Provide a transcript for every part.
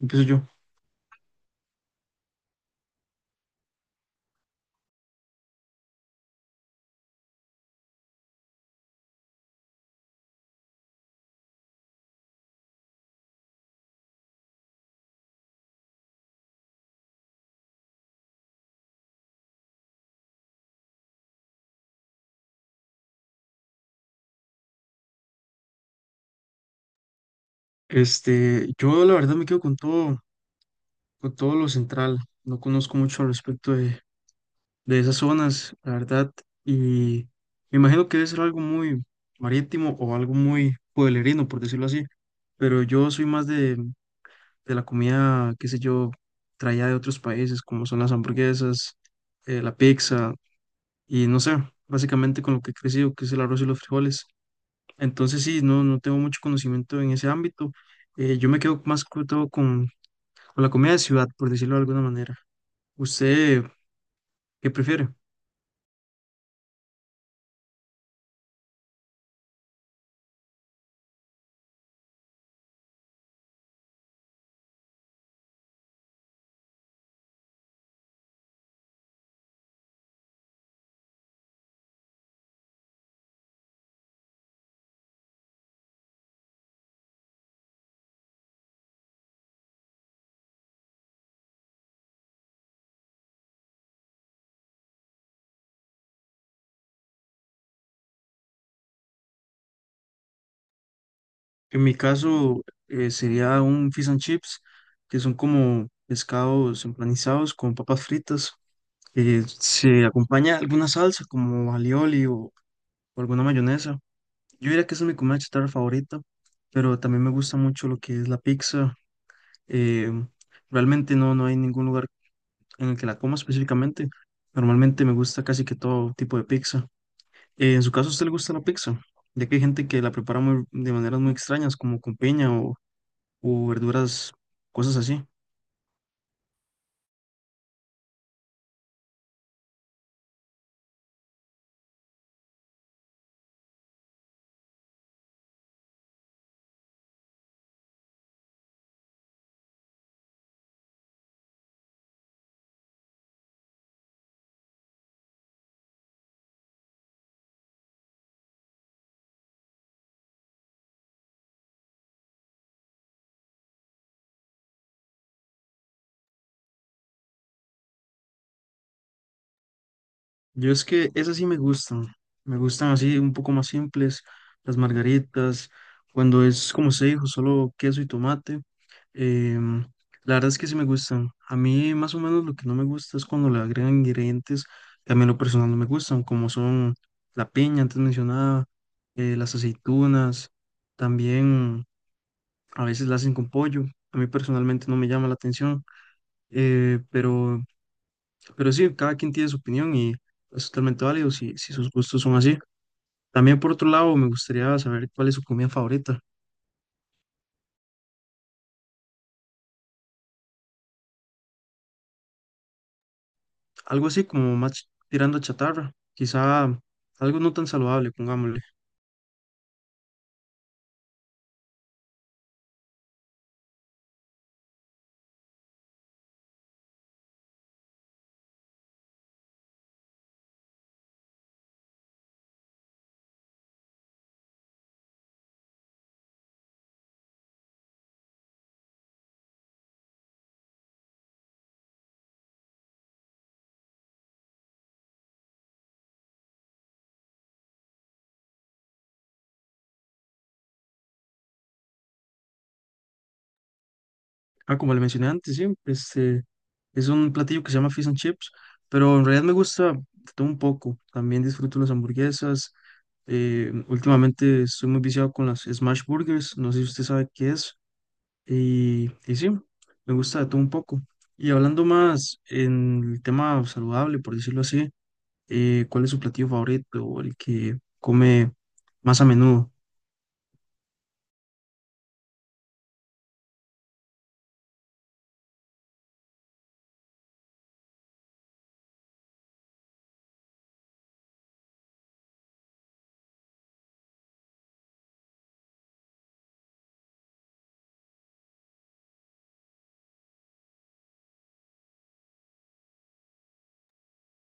Empiezo yo. Yo la verdad me quedo con todo lo central. No conozco mucho al respecto de esas zonas, la verdad. Y me imagino que debe ser algo muy marítimo o algo muy pueblerino, por decirlo así. Pero yo soy más de la comida, qué sé yo, traída de otros países, como son las hamburguesas, la pizza, y no sé, básicamente con lo que he crecido, que es el arroz y los frijoles. Entonces sí, no, no tengo mucho conocimiento en ese ámbito. Yo me quedo más que todo con la comida de ciudad, por decirlo de alguna manera. ¿Usted qué prefiere? En mi caso sería un fish and chips, que son como pescados empanizados con papas fritas. Se acompaña alguna salsa como alioli o alguna mayonesa. Yo diría que esa es mi comida chatarra favorita, pero también me gusta mucho lo que es la pizza. Eh, Realmente no, no hay ningún lugar en el que la coma específicamente. Normalmente me gusta casi que todo tipo de pizza. En su caso, ¿a usted le gusta la pizza? Ya que hay gente que la prepara de maneras muy extrañas, como con piña o verduras, cosas así. Yo es que esas sí me gustan así un poco más simples, las margaritas, cuando es como se dijo, solo queso y tomate, em, la verdad es que sí me gustan. A mí más o menos lo que no me gusta es cuando le agregan ingredientes que a mí en lo personal no me gustan, como son la piña antes mencionada, las aceitunas, también a veces la hacen con pollo, a mí personalmente no me llama la atención, eh, pero pero sí, cada quien tiene su opinión y es totalmente válido si, si sus gustos son así. También por otro lado, me gustaría saber cuál es su comida favorita. Algo así como más tirando a chatarra, quizá algo no tan saludable, pongámosle. Ah, como le mencioné antes, sí, este es un platillo que se llama fish and chips, pero en realidad me gusta de todo un poco. También disfruto las hamburguesas. Últimamente estoy muy viciado con las smash burgers, no sé si usted sabe qué es. Y sí, me gusta de todo un poco. Y hablando más en el tema saludable, por decirlo así, ¿cuál es su platillo favorito o el que come más a menudo?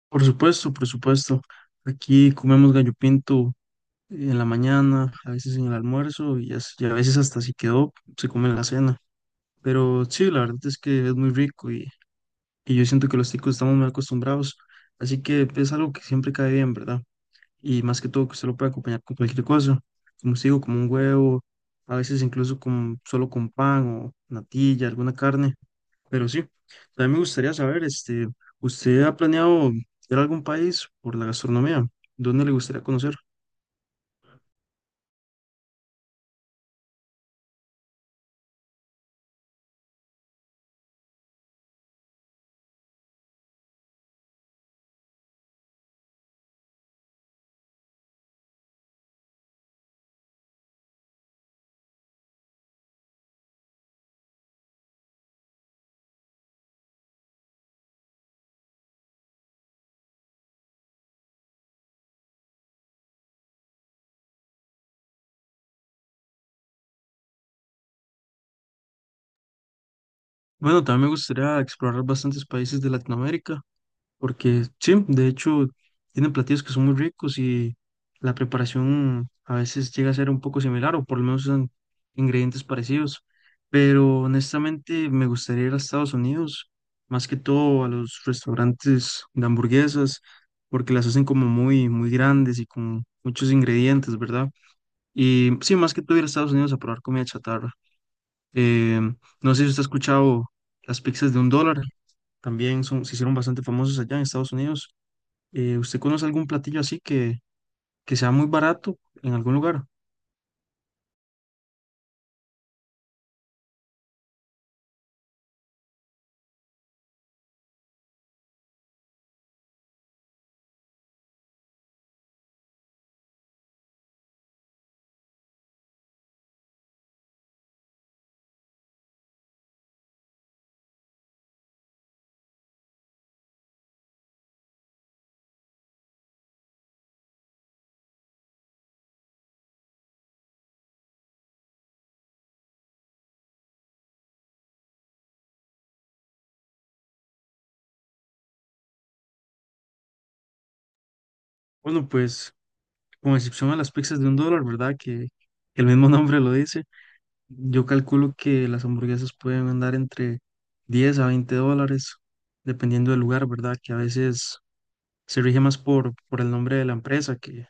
Por supuesto, por supuesto. Aquí comemos gallo pinto en la mañana, a veces en el almuerzo y a veces hasta si quedó, se come en la cena. Pero sí, la verdad es que es muy rico y yo siento que los ticos estamos muy acostumbrados. Así que es algo que siempre cae bien, ¿verdad? Y más que todo que usted lo puede acompañar con cualquier cosa, como os digo, como un huevo, a veces incluso con, solo con pan o natilla, alguna carne, pero sí, también me gustaría saber, ¿usted ha planeado ir a algún país por la gastronomía? ¿Dónde le gustaría conocer? Bueno, también me gustaría explorar bastantes países de Latinoamérica. Porque sí, de hecho, tienen platillos que son muy ricos y la preparación a veces llega a ser un poco similar o por lo menos usan ingredientes parecidos. Pero honestamente me gustaría ir a Estados Unidos, más que todo a los restaurantes de hamburguesas, porque las hacen como muy, muy grandes y con muchos ingredientes, ¿verdad? Y sí, más que todo ir a Estados Unidos a probar comida chatarra. Em, no sé si usted ha escuchado las pizzas de un dólar, también son, se hicieron bastante famosas allá en Estados Unidos. ¿Usted conoce algún platillo así que sea muy barato en algún lugar? Bueno, pues con excepción a las pizzas de un dólar, ¿verdad? Que el mismo nombre lo dice. Yo calculo que las hamburguesas pueden andar entre $10 a $20, dependiendo del lugar, ¿verdad? Que a veces se rige más por el nombre de la empresa,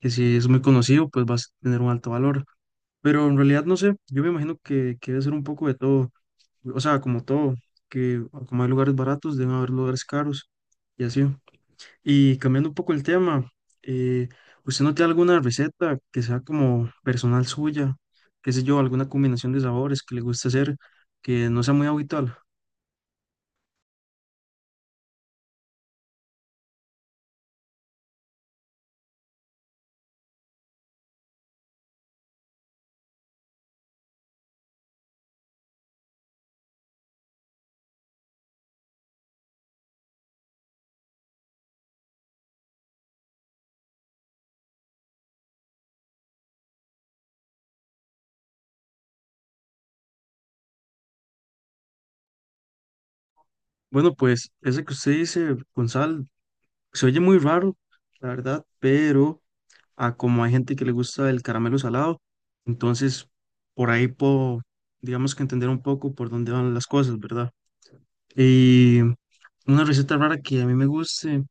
que si es muy conocido, pues va a tener un alto valor. Pero en realidad no sé, yo me imagino que debe ser un poco de todo. O sea, como todo, que como hay lugares baratos, deben haber lugares caros y así. Y cambiando un poco el tema, eh, ¿usted no tiene alguna receta que sea como personal suya? ¿Qué sé yo? ¿Alguna combinación de sabores que le guste hacer que no sea muy habitual? Bueno, pues ese que usted dice con sal se oye muy raro, la verdad, pero a como hay gente que le gusta el caramelo salado, entonces por ahí puedo, digamos que entender un poco por dónde van las cosas, ¿verdad? Y una receta rara que a mí me guste.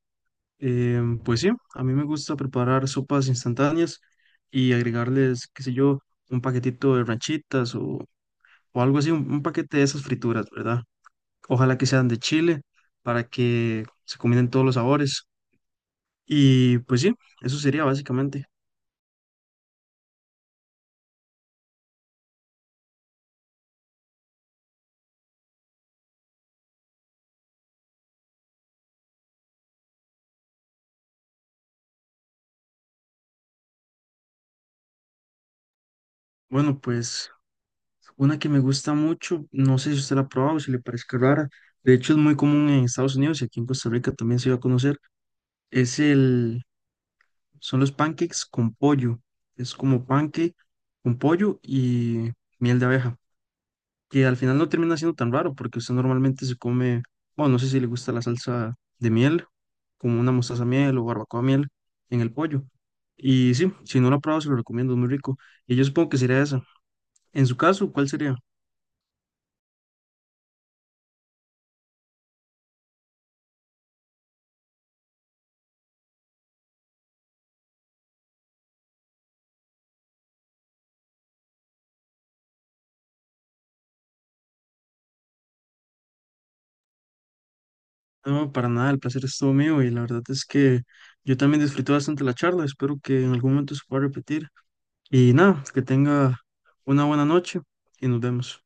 Pues sí, a mí me gusta preparar sopas instantáneas y agregarles, qué sé yo, un paquetito de ranchitas o algo así, un paquete de esas frituras, ¿verdad? Ojalá que sean de Chile para que se combinen todos los sabores. Y pues sí, eso sería básicamente. Bueno, pues una que me gusta mucho, no sé si usted la ha probado, si le parece rara, de hecho es muy común en Estados Unidos y aquí en Costa Rica también se va a conocer, es Son los pancakes con pollo. Es como pancake con pollo y miel de abeja. Que al final no termina siendo tan raro porque usted normalmente se come, bueno, no sé si le gusta la salsa de miel, como una mostaza miel o barbacoa miel en el pollo. Y sí, si no lo ha probado, se lo recomiendo, es muy rico. Y yo supongo que sería esa. En su caso, ¿cuál sería? No, para nada, el placer es todo mío y la verdad es que yo también disfruté bastante la charla. Espero que en algún momento se pueda repetir. Y nada, que tenga una buena noche y nos vemos.